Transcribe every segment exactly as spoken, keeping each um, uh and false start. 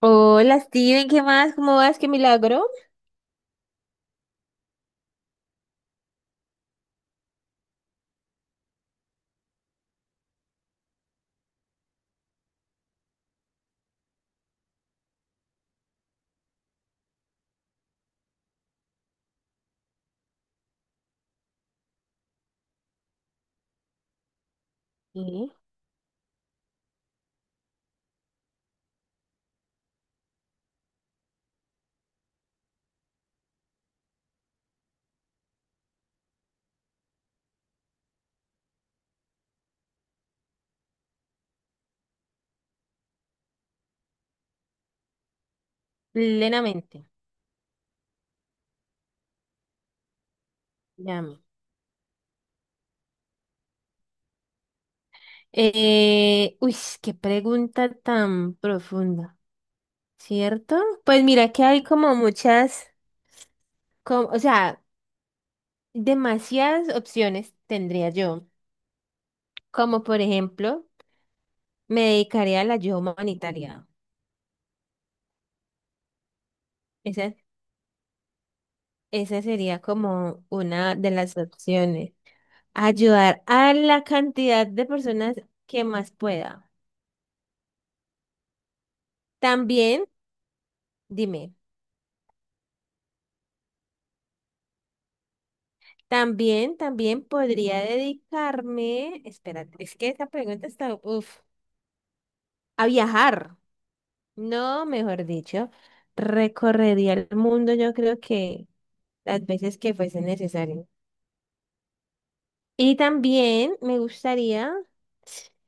Hola Steven, ¿qué más? ¿Cómo vas? ¿Qué milagro? Sí. Plenamente. Llame. Eh, uy, qué pregunta tan profunda, ¿cierto? Pues mira que hay como muchas, como, o sea, demasiadas opciones tendría yo. Como por ejemplo, me dedicaría a la ayuda humanitaria. Esa, esa sería como una de las opciones. Ayudar a la cantidad de personas que más pueda. También, dime. También, también podría dedicarme, espérate, es que esa pregunta está, uf, a viajar. No, mejor dicho, recorrería el mundo, yo creo que las veces que fuese necesario. Y también me gustaría,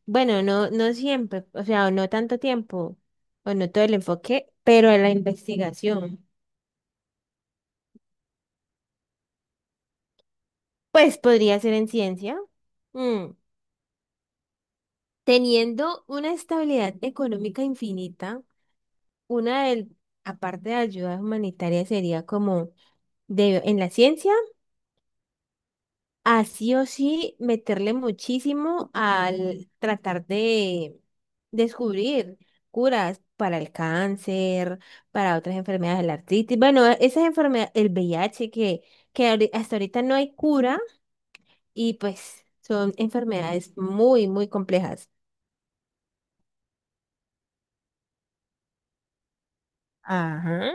bueno, no, no siempre, o sea, no tanto tiempo, o no todo el enfoque, pero en la investigación. Pues podría ser en ciencia, mm, teniendo una estabilidad económica infinita. Una del, aparte de ayuda humanitaria, sería como de, en la ciencia, así o sí meterle muchísimo al tratar de descubrir curas para el cáncer, para otras enfermedades de la artritis. Bueno, esas enfermedades, el V I H que, que ahori- hasta ahorita no hay cura y pues son enfermedades muy, muy complejas. Ajá.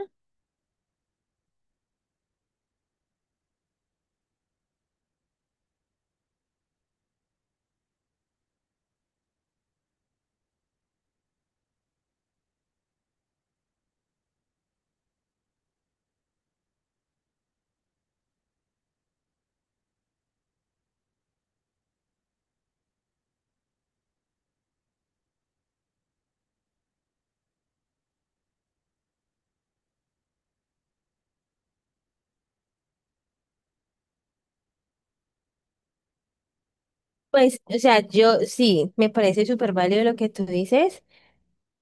Pues, o sea, yo sí, me parece súper válido lo que tú dices.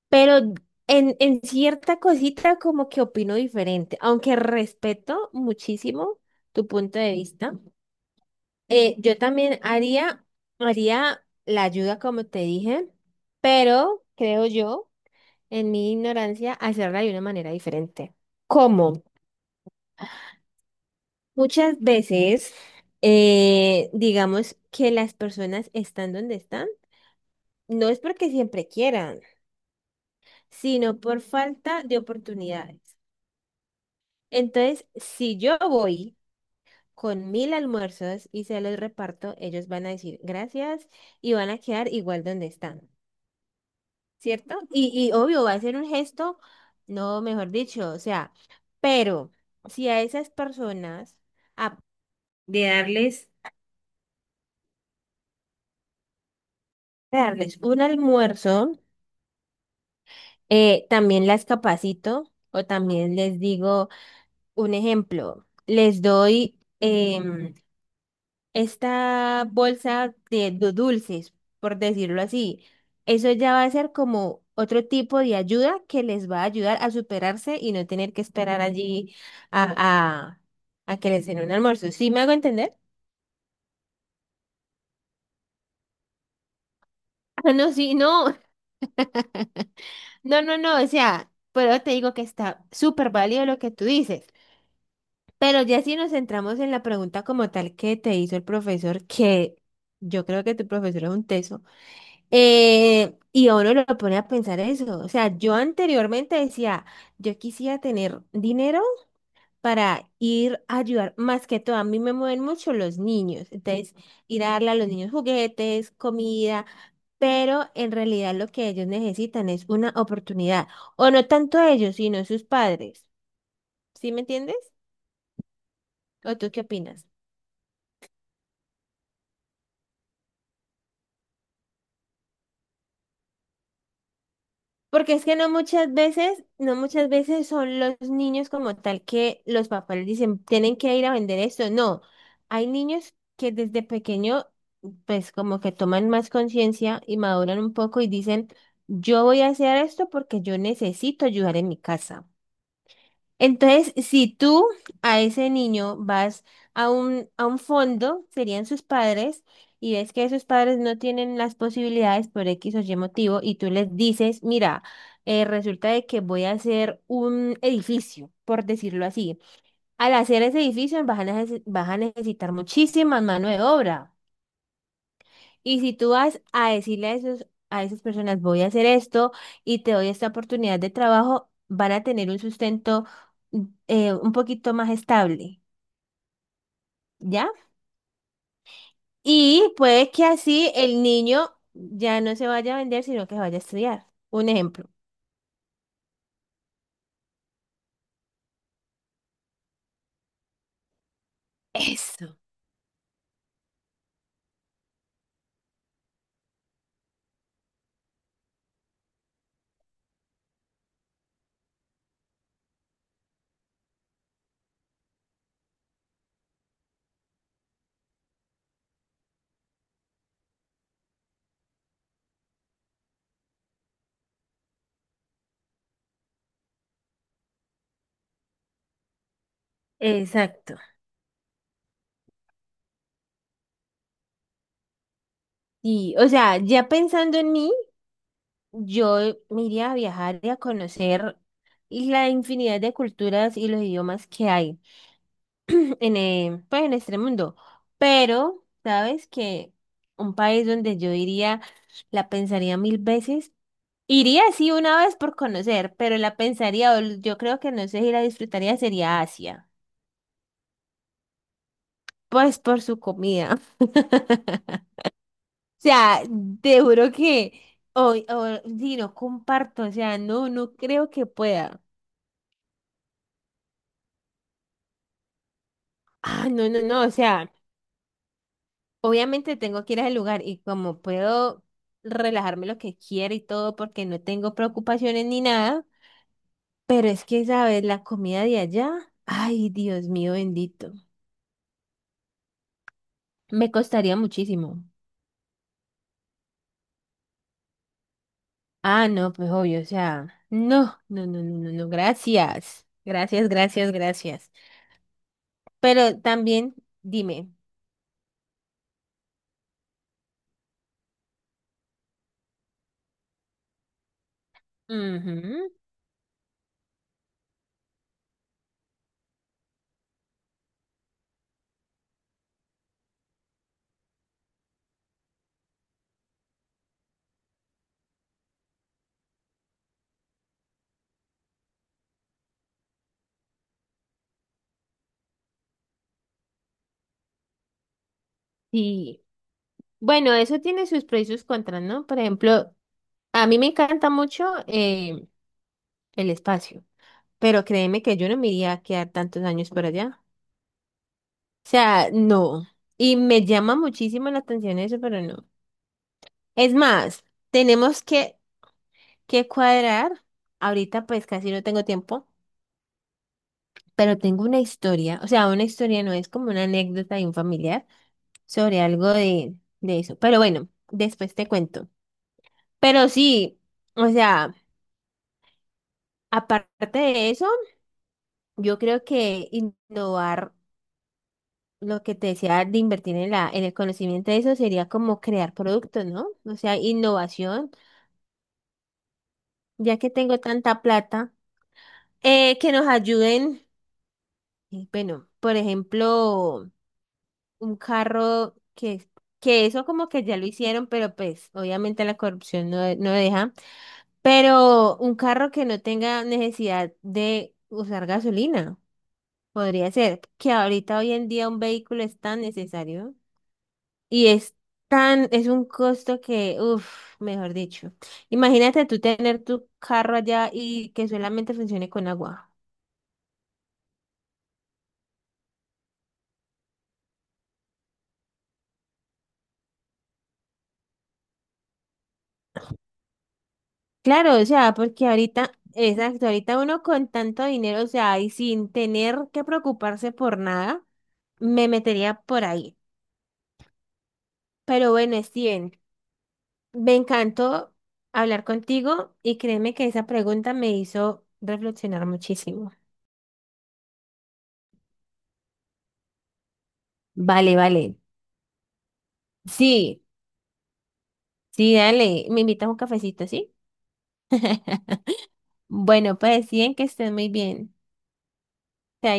Pero en, en cierta cosita como que opino diferente, aunque respeto muchísimo tu punto de vista. Eh, yo también haría, haría, la ayuda como te dije, pero creo yo, en mi ignorancia, hacerla de una manera diferente. ¿Cómo? Muchas veces, eh, digamos que las personas están donde están, no es porque siempre quieran, sino por falta de oportunidades. Entonces, si yo voy con mil almuerzos y se los reparto, ellos van a decir gracias y van a quedar igual donde están, ¿cierto? Y, y obvio, va a ser un gesto, no, mejor dicho, o sea, pero si a esas personas, a- de darles, de darles un almuerzo, eh, también las capacito o también les digo un ejemplo, les doy, em, esta bolsa de, du- dulces, por decirlo así. Eso ya va a ser como otro tipo de ayuda que les va a ayudar a superarse y no tener que esperar allí a, a, a que les den un almuerzo. ¿Sí me hago entender? Ah, no, sí, no, no, no, no, o sea, pero te digo que está súper válido lo que tú dices, pero ya si nos centramos en la pregunta como tal que te hizo el profesor, que yo creo que tu profesor es un teso. Eh, y a uno lo pone a pensar eso. O sea, yo anteriormente decía, yo quisiera tener dinero para ir a ayudar, más que todo, a mí me mueven mucho los niños. Entonces, ir a darle a los niños juguetes, comida, pero en realidad lo que ellos necesitan es una oportunidad. O no tanto ellos, sino sus padres. ¿Sí me entiendes? ¿O tú qué opinas? Porque es que no muchas veces, no muchas veces son los niños como tal que los papás les dicen, tienen que ir a vender esto. No, hay niños que desde pequeño, pues como que toman más conciencia y maduran un poco y dicen, yo voy a hacer esto porque yo necesito ayudar en mi casa. Entonces, si tú a ese niño vas a un, a un fondo, serían sus padres, y ves que esos padres no tienen las posibilidades por X o Y motivo, y tú les dices, mira, eh, resulta de que voy a hacer un edificio, por decirlo así. Al hacer ese edificio vas a neces- vas a necesitar muchísima mano de obra. Y si tú vas a decirle a esos, a esas personas, voy a hacer esto y te doy esta oportunidad de trabajo, van a tener un sustento mm, eh, un poquito más estable, ¿ya? Y puede que así el niño ya no se vaya a vender, sino que vaya a estudiar. Un ejemplo. Eso, exacto. Y, o sea, ya pensando en mí, yo me iría a viajar y a conocer la infinidad de culturas y los idiomas que hay. en, eh, pues, en este mundo. Pero, ¿sabes que un país donde yo iría, la pensaría mil veces? Iría sí una vez por conocer, pero la pensaría, o l- yo creo que no sé si la disfrutaría, sería Asia. Pues por su comida. O sea, te juro que hoy, o si no comparto, o sea, no, no creo que pueda. Ah, no, no, no, o sea. Obviamente tengo que ir al lugar y como puedo relajarme lo que quiera y todo porque no tengo preocupaciones ni nada, pero es que, ¿sabes? La comida de allá, ay, Dios mío bendito, me costaría muchísimo. Ah, no, pues obvio, o sea, no, no, no, no, no, no, gracias, gracias, gracias, gracias. Pero también, dime, ujú, sí, bueno, eso tiene sus pros y sus contras, ¿no? Por ejemplo, a mí me encanta mucho eh, el espacio. Pero créeme que yo no me iría a quedar tantos años por allá. O sea, no. Y me llama muchísimo la atención eso, pero no. Es más, tenemos que, que cuadrar. Ahorita pues casi no tengo tiempo, pero tengo una historia. O sea, una historia no es como una anécdota de un familiar sobre algo de, de eso. Pero bueno, después te cuento. Pero sí, o sea, aparte de eso, yo creo que innovar. Lo que te decía de invertir en la, en el conocimiento de eso sería como crear productos, ¿no? O sea, innovación, ya que tengo tanta plata, eh, que nos ayuden, y bueno, por ejemplo, un carro que, que eso como que ya lo hicieron, pero pues obviamente la corrupción no, de- no deja, pero un carro que no tenga necesidad de usar gasolina, podría ser, que ahorita hoy en día un vehículo es tan necesario. Y es tan, es un costo que, uff, mejor dicho. Imagínate tú tener tu carro allá y que solamente funcione con agua. Claro, o sea, porque ahorita, exacto, ahorita uno con tanto dinero, o sea, y sin tener que preocuparse por nada, me metería por ahí. Pero bueno, Steven, me encantó hablar contigo y créeme que esa pregunta me hizo reflexionar muchísimo. Vale, vale. Sí, sí, dale, me invitas un cafecito, ¿sí? Bueno, pues deciden que estén muy bien. Chaito.